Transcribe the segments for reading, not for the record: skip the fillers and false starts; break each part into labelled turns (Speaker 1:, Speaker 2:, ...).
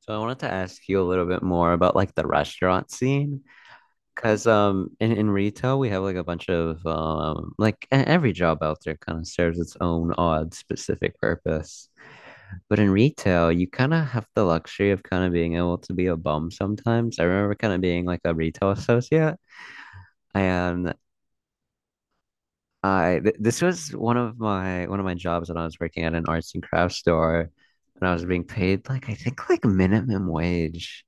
Speaker 1: So I wanted to ask you a little bit more about like the restaurant scene, because in retail we have like a bunch of like every job out there kind of serves its own odd specific purpose. But in retail, you kind of have the luxury of kind of being able to be a bum sometimes. I remember kind of being like a retail associate, and I th this was one of my jobs when I was working at an arts and crafts store, and I was being paid like I think like minimum wage.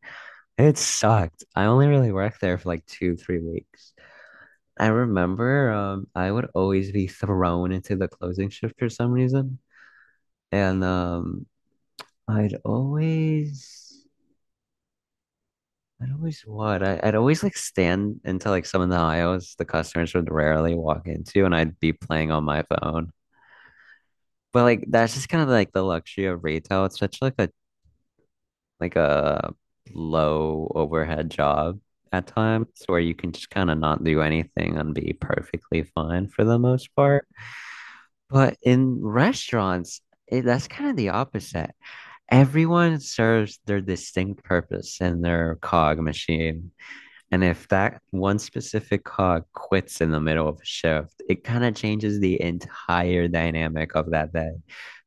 Speaker 1: It sucked. I only really worked there for like two, 3 weeks. I remember I would always be thrown into the closing shift for some reason. And I'd always I'd always what? I'd always like stand into like some of the aisles the customers would rarely walk into and I'd be playing on my phone. But like that's just kind of like the luxury of retail. It's such like a low overhead job at times where you can just kind of not do anything and be perfectly fine for the most part. But in restaurants, that's kind of the opposite. Everyone serves their distinct purpose in their cog machine. And if that one specific cog quits in the middle of a shift, it kind of changes the entire dynamic of that day.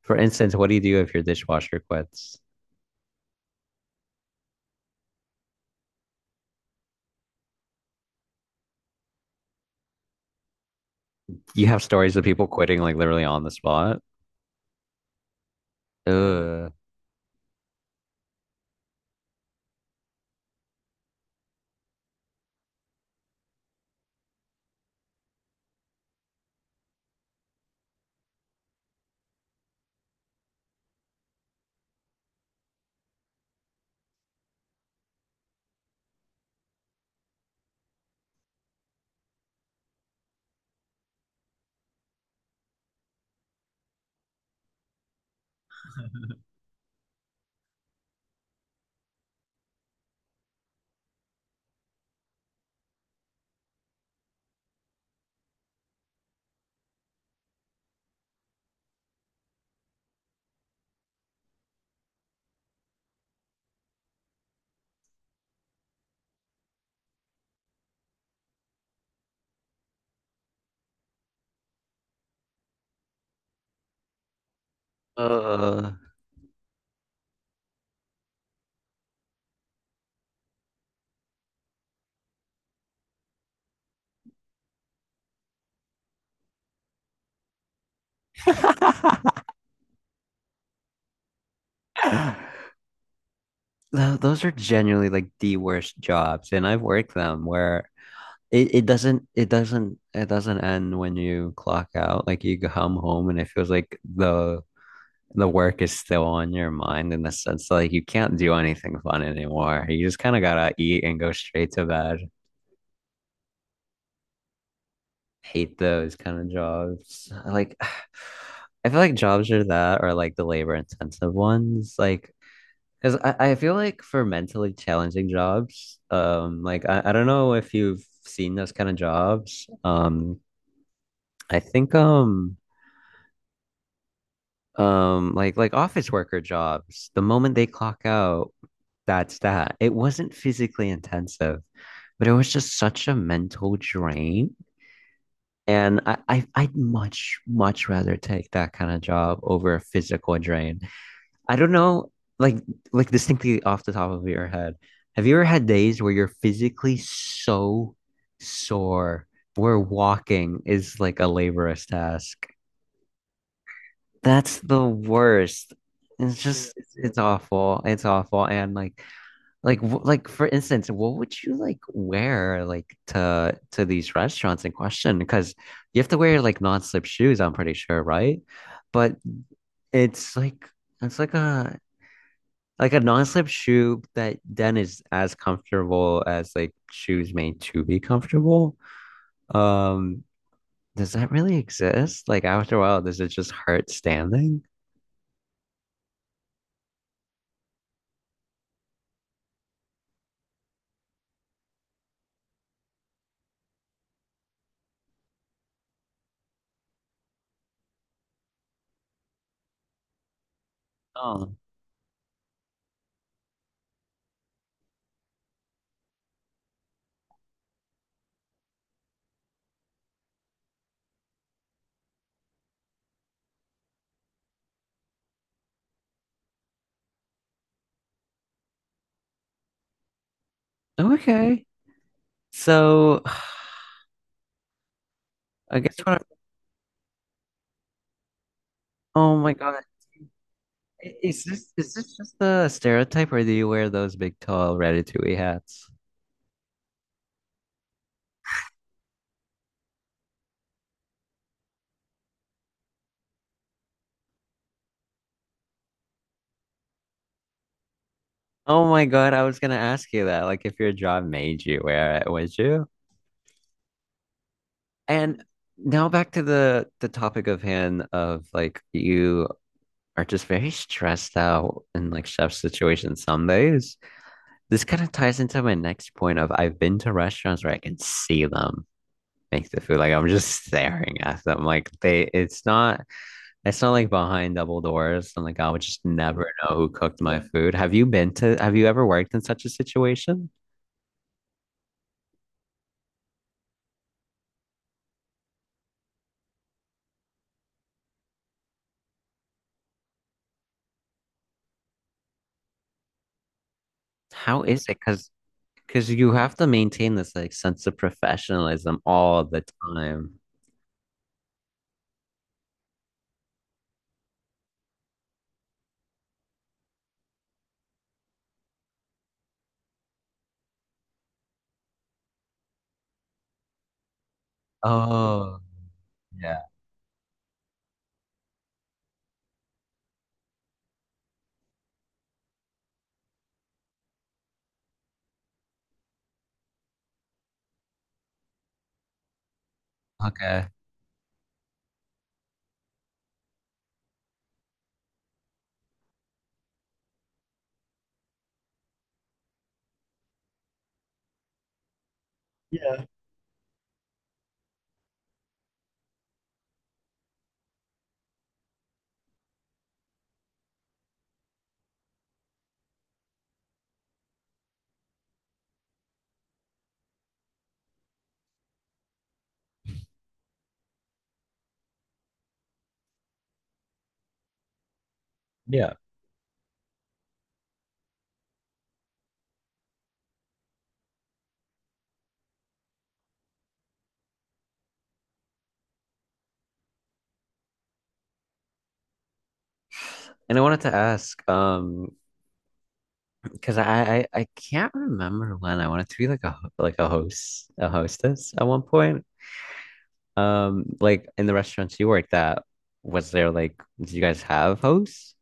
Speaker 1: For instance, what do you do if your dishwasher quits? You have stories of people quitting like literally on the spot. Ugh. Uh. Those are genuinely like the worst jobs, and I've worked them where it doesn't end when you clock out. Like you come home and it feels like the work is still on your mind in the sense like you can't do anything fun anymore. You just kind of gotta eat and go straight to bed. Hate those kind of jobs. Like, I feel like jobs are that or like the labor intensive ones. Like, because I feel like for mentally challenging jobs, like I don't know if you've seen those kind of jobs. I think like office worker jobs, the moment they clock out, that's that. It wasn't physically intensive, but it was just such a mental drain. And I'd much, much rather take that kind of job over a physical drain. I don't know, like, like distinctly off the top of your head, have you ever had days where you're physically so sore where walking is like a laborious task? That's the worst. It's just, it's awful. It's awful. And like, like for instance, what would you like wear like to these restaurants in question? Because you have to wear like non-slip shoes, I'm pretty sure, right? But it's like it's like a non-slip shoe that then is as comfortable as like shoes made to be comfortable. Um, does that really exist? Like after a while, does it just hurt standing? Oh, okay. So I guess what I- oh my God. I- is this is this just a stereotype or do you wear those big tall ratatouille hats? Oh my God, I was gonna ask you that. Like if your job made you wear it, would you? And now back to the topic of hand of like you are just very stressed out in like chef situations some days. This kind of ties into my next point of I've been to restaurants where I can see them make the food. Like I'm just staring at them. Like they it's not like behind double doors. I'm like I would just never know who cooked my food. Have you been to have you ever worked in such a situation? How is it? Because you have to maintain this like sense of professionalism all the time. Oh, yeah. Okay. Yeah. Yeah. And I wanted to ask, because I can't remember when I wanted to be like a like a host a hostess at one point. Like in the restaurants you worked at, was there like did you guys have hosts?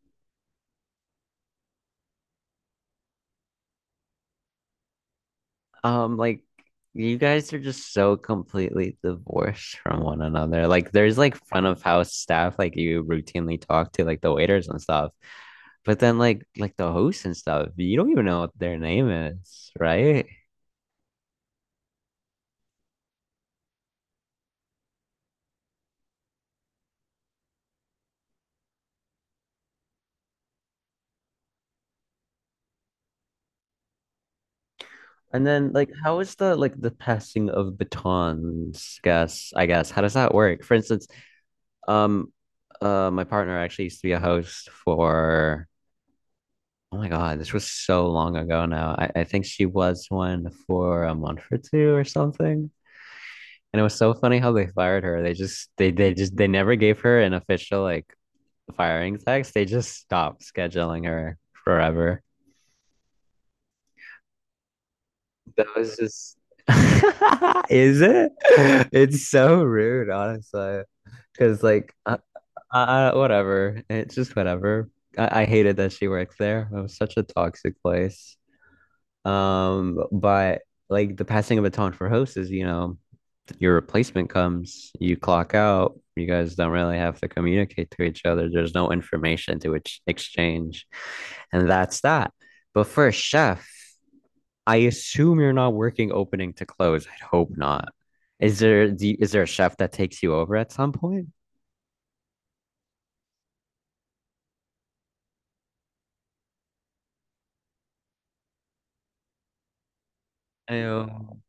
Speaker 1: Like you guys are just so completely divorced from one another. Like there's like front of house staff like you routinely talk to, like the waiters and stuff. But then like the hosts and stuff, you don't even know what their name is, right? And then like how is the like the passing of batons, guess, I guess. How does that work? For instance, um my partner actually used to be a host for oh my God, this was so long ago now. I think she was one for a month or two or something. And it was so funny how they fired her. They never gave her an official like firing text. They just stopped scheduling her forever. That was just is it? It's so rude, honestly. Because whatever. It's just whatever. I hated that she worked there. It was such a toxic place. But like the passing of a baton for hosts is, you know, your replacement comes, you clock out, you guys don't really have to communicate to each other. There's no information to exchange. And that's that. But for a chef, I assume you're not working opening to close. I'd hope not. Is there is there a chef that takes you over at some point? I, yeah.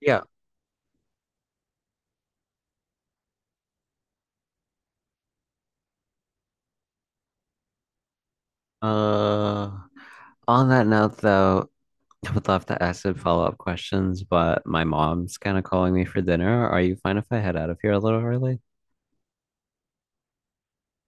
Speaker 1: yeah. Uh, on that note, though, I would love to ask some follow-up questions, but my mom's kind of calling me for dinner. Are you fine if I head out of here a little early?